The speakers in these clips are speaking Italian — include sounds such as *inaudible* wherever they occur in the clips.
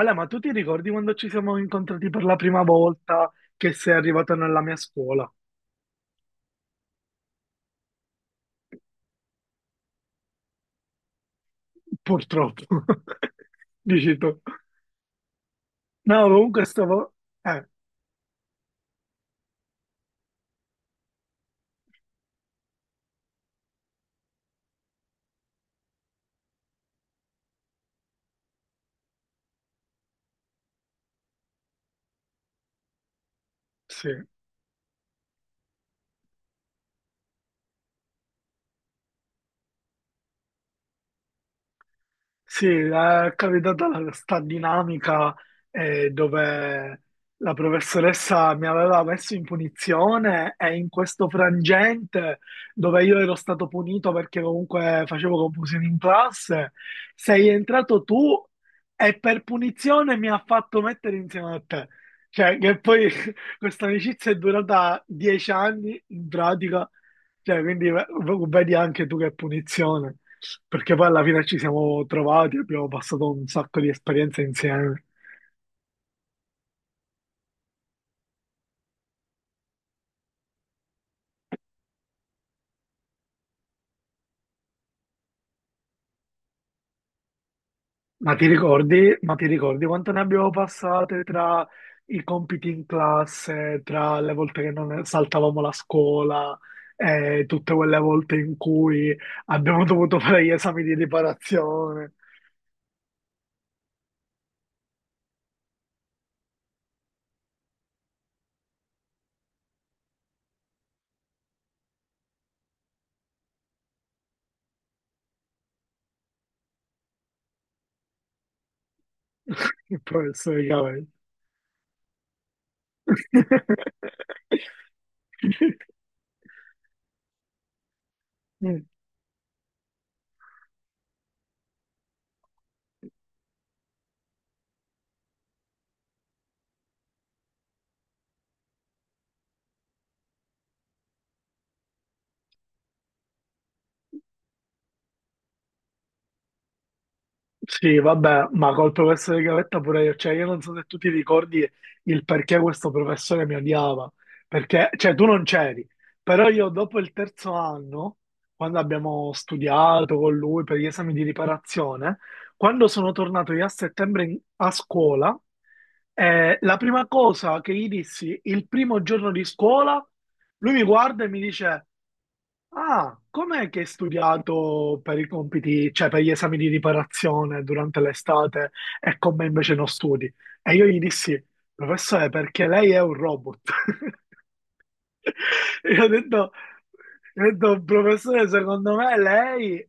Ale, ma tu ti ricordi quando ci siamo incontrati per la prima volta che sei arrivato nella mia scuola? Purtroppo, *laughs* dici tu. No, comunque stavo... Eh, sì. Sì, è capitata sta dinamica dove la professoressa mi aveva messo in punizione e in questo frangente dove io ero stato punito perché comunque facevo confusione in classe, sei entrato tu e per punizione mi ha fatto mettere insieme a te. Cioè, che poi *laughs* questa amicizia è durata dieci anni in pratica, cioè, quindi vedi anche tu che punizione, perché poi alla fine ci siamo trovati, abbiamo passato un sacco di esperienze insieme. Ma ti ricordi quanto ne abbiamo passate tra i compiti in classe, tra le volte che non saltavamo la scuola, e tutte quelle volte in cui abbiamo dovuto fare gli esami di riparazione? Il professore Cavell. *laughs* Sì, vabbè, ma col professore Gavetta pure io, cioè io non so se tu ti ricordi il perché questo professore mi odiava, perché, cioè tu non c'eri, però io dopo il terzo anno, quando abbiamo studiato con lui per gli esami di riparazione, quando sono tornato io a settembre a scuola, la prima cosa che gli dissi il primo giorno di scuola, lui mi guarda e mi dice... Ah, com'è che hai studiato per i compiti, cioè per gli esami di riparazione durante l'estate e con me invece non studi? E io gli dissi, professore, perché lei è un robot. *laughs* *laughs* Io ho detto, professore, secondo me lei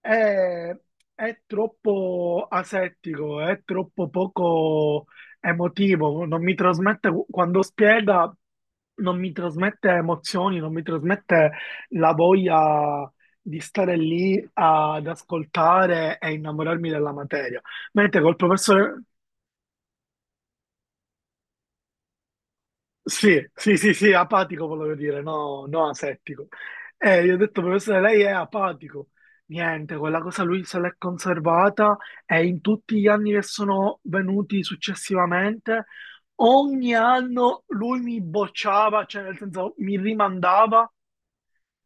è, è troppo asettico, è troppo poco emotivo, non mi trasmette, quando spiega, non mi trasmette emozioni, non mi trasmette la voglia di stare lì ad ascoltare e innamorarmi della materia. Mentre col professore... Sì, sì, sì, sì, apatico volevo dire, no, no asettico. E gli ho detto, professore, lei è apatico. Niente, quella cosa lui se l'è conservata e in tutti gli anni che sono venuti successivamente, ogni anno lui mi bocciava, cioè nel senso mi rimandava,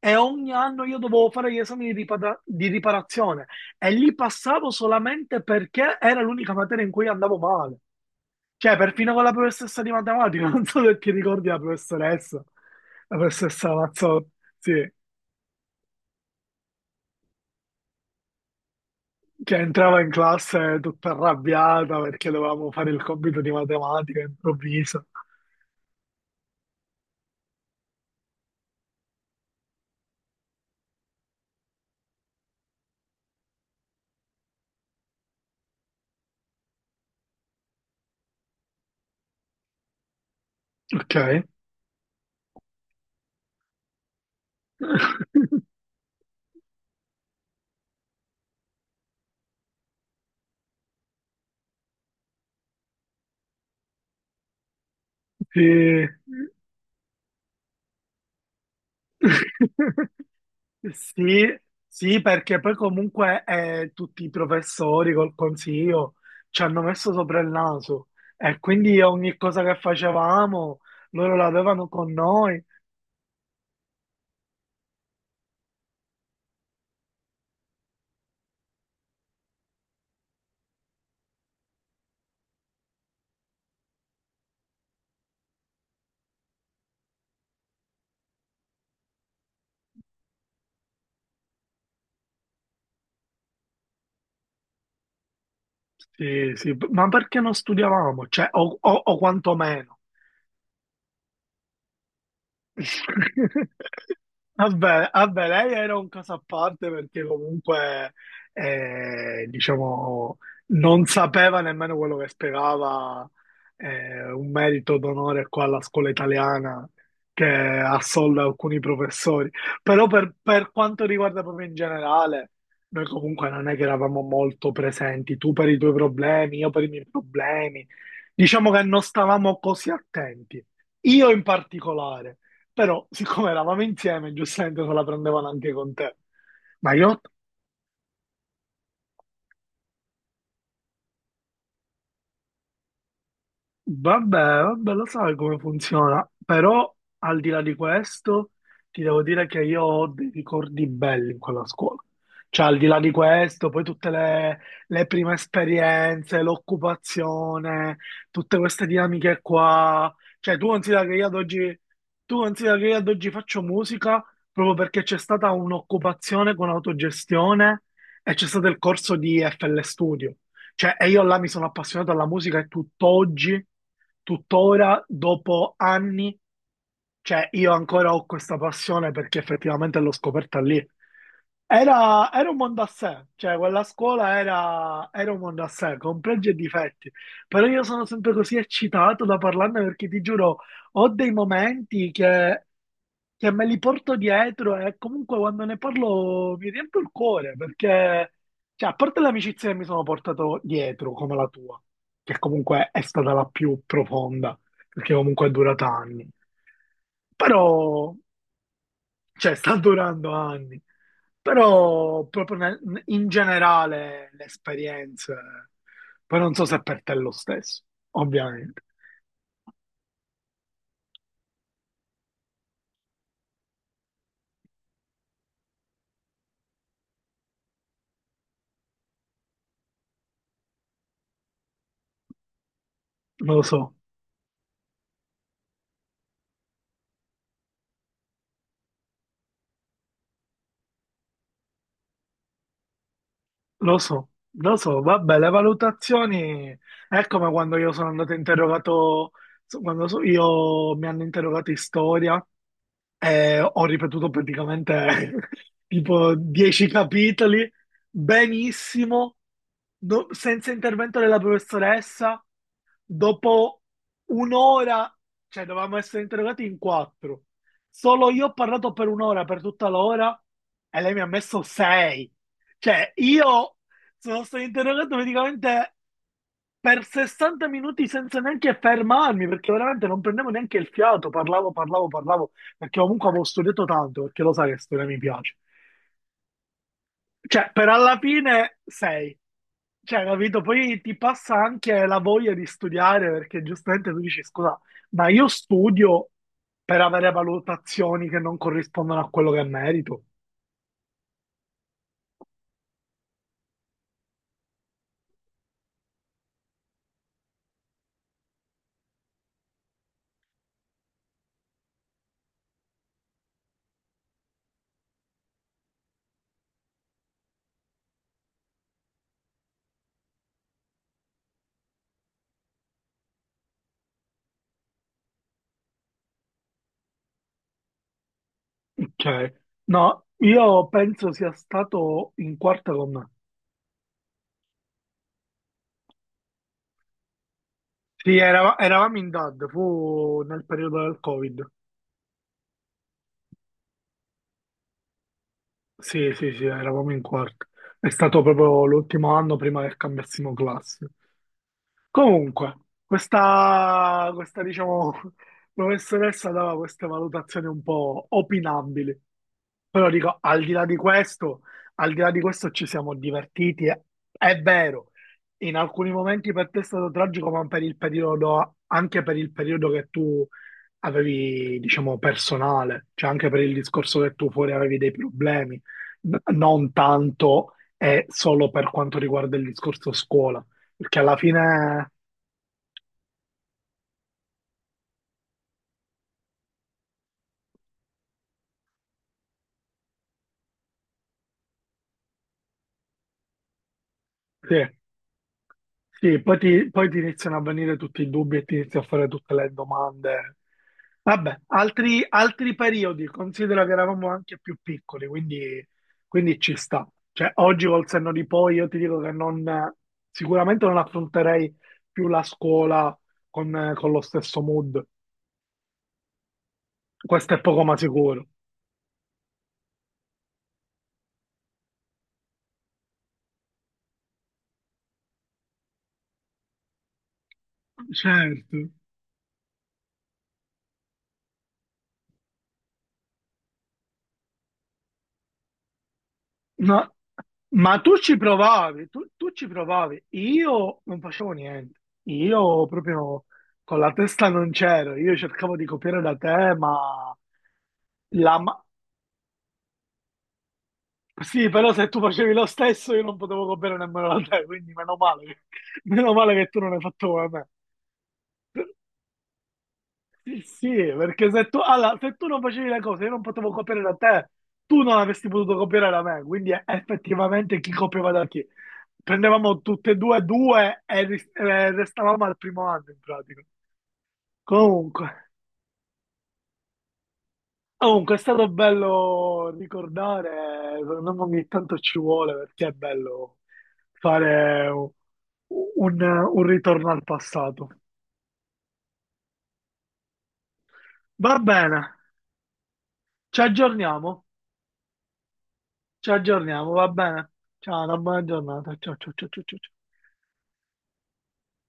e ogni anno io dovevo fare gli esami di, di riparazione, e li passavo solamente perché era l'unica materia in cui andavo male. Cioè, perfino con la professoressa di matematica, *laughs* non so se ti ricordi la professoressa Mazzotti, sì, che entrava in classe tutta arrabbiata perché dovevamo fare il compito di matematica improvviso. Ok. *laughs* Sì. *laughs* Sì, sì, perché poi comunque tutti i professori col consiglio ci hanno messo sopra il naso, e quindi ogni cosa che facevamo loro la avevano con noi. Sì, sì, ma perché non studiavamo? Cioè, o quantomeno. Vabbè, vabbè, lei era un caso a parte perché comunque, diciamo, non sapeva nemmeno quello che spiegava, un merito d'onore qua alla scuola italiana che assolda alcuni professori. Però per quanto riguarda proprio in generale, noi comunque non è che eravamo molto presenti, tu per i tuoi problemi, io per i miei problemi. Diciamo che non stavamo così attenti. Io in particolare. Però, siccome eravamo insieme, giustamente se la prendevano anche con te. Ma io vabbè, vabbè, lo sai come funziona, però al di là di questo ti devo dire che io ho dei ricordi belli in quella scuola. Cioè, al di là di questo, poi tutte le prime esperienze, l'occupazione, tutte queste dinamiche qua. Cioè, tu considera che io ad oggi, tu considera che io ad oggi faccio musica proprio perché c'è stata un'occupazione con autogestione e c'è stato il corso di FL Studio. Cioè, e io là mi sono appassionato alla musica e tutt'oggi, tuttora, dopo anni, cioè io ancora ho questa passione perché effettivamente l'ho scoperta lì. Era, era un mondo a sé, cioè quella scuola era, era un mondo a sé, con pregi e difetti, però io sono sempre così eccitato da parlarne perché ti giuro, ho dei momenti che me li porto dietro e comunque quando ne parlo mi riempio il cuore perché, cioè, a parte l'amicizia che mi sono portato dietro, come la tua, che comunque è stata la più profonda, perché comunque è durata anni, però, cioè, sta durando anni, però proprio in generale le esperienze, poi non so se per te è lo stesso, ovviamente, non lo so. Lo so, lo so, vabbè, le valutazioni è come quando io sono andato interrogato, io mi hanno interrogato in storia, ho ripetuto praticamente *laughs* tipo 10 capitoli, benissimo, senza intervento della professoressa. Dopo un'ora, cioè dovevamo essere interrogati in quattro. Solo io ho parlato per un'ora, per tutta l'ora, e lei mi ha messo sei. Cioè, io sono stato interrogato praticamente per 60 minuti senza neanche fermarmi, perché veramente non prendevo neanche il fiato, parlavo, parlavo, parlavo, perché comunque avevo studiato tanto, perché lo sai che storia mi piace. Cioè, per alla fine sei. Cioè, capito? Poi ti passa anche la voglia di studiare, perché giustamente tu dici, scusa, ma io studio per avere valutazioni che non corrispondono a quello che merito. Cioè, no, io penso sia stato in quarta con me. Sì, eravamo in DAD, fu nel periodo del Covid. Sì, sì, sì, eravamo in quarto. È stato proprio l'ultimo anno prima che cambiassimo classe. Comunque, questa, diciamo, *laughs* professoressa dava queste valutazioni un po' opinabili. Però dico, al di là di questo, al di là di questo ci siamo divertiti. È vero, in alcuni momenti per te è stato tragico, ma per il periodo, anche per il periodo che tu avevi, diciamo, personale, cioè anche per il discorso che tu fuori avevi dei problemi, non tanto e solo per quanto riguarda il discorso scuola, perché alla fine, sì, sì, poi ti iniziano a venire tutti i dubbi e ti inizi a fare tutte le domande. Vabbè, altri, altri periodi, considera che eravamo anche più piccoli, quindi, quindi ci sta. Cioè, oggi col senno di poi io ti dico che non, sicuramente non affronterei più la scuola con lo stesso mood. Questo è poco ma sicuro. Certo. Ma, ma tu ci provavi, tu, tu ci provavi, io non facevo niente, io proprio con la testa non c'ero, io cercavo di copiare da te, ma la ma- sì, però se tu facevi lo stesso io non potevo copiare nemmeno da te, quindi meno male, *laughs* meno male che tu non hai fatto come me. Sì, sì, perché se tu, allora, se tu non facevi le cose, io non potevo copiare da te, tu non avresti potuto copiare da me, quindi effettivamente chi copiava da chi? Prendevamo tutte e due due e restavamo al primo anno in pratica. Comunque, comunque è stato bello ricordare, secondo me ogni tanto ci vuole perché è bello fare un, un ritorno al passato. Va bene, ci aggiorniamo. Ci aggiorniamo, va bene? Ciao, una buona giornata. Ciao, ciao, ciao, ciao, ciao, ciao.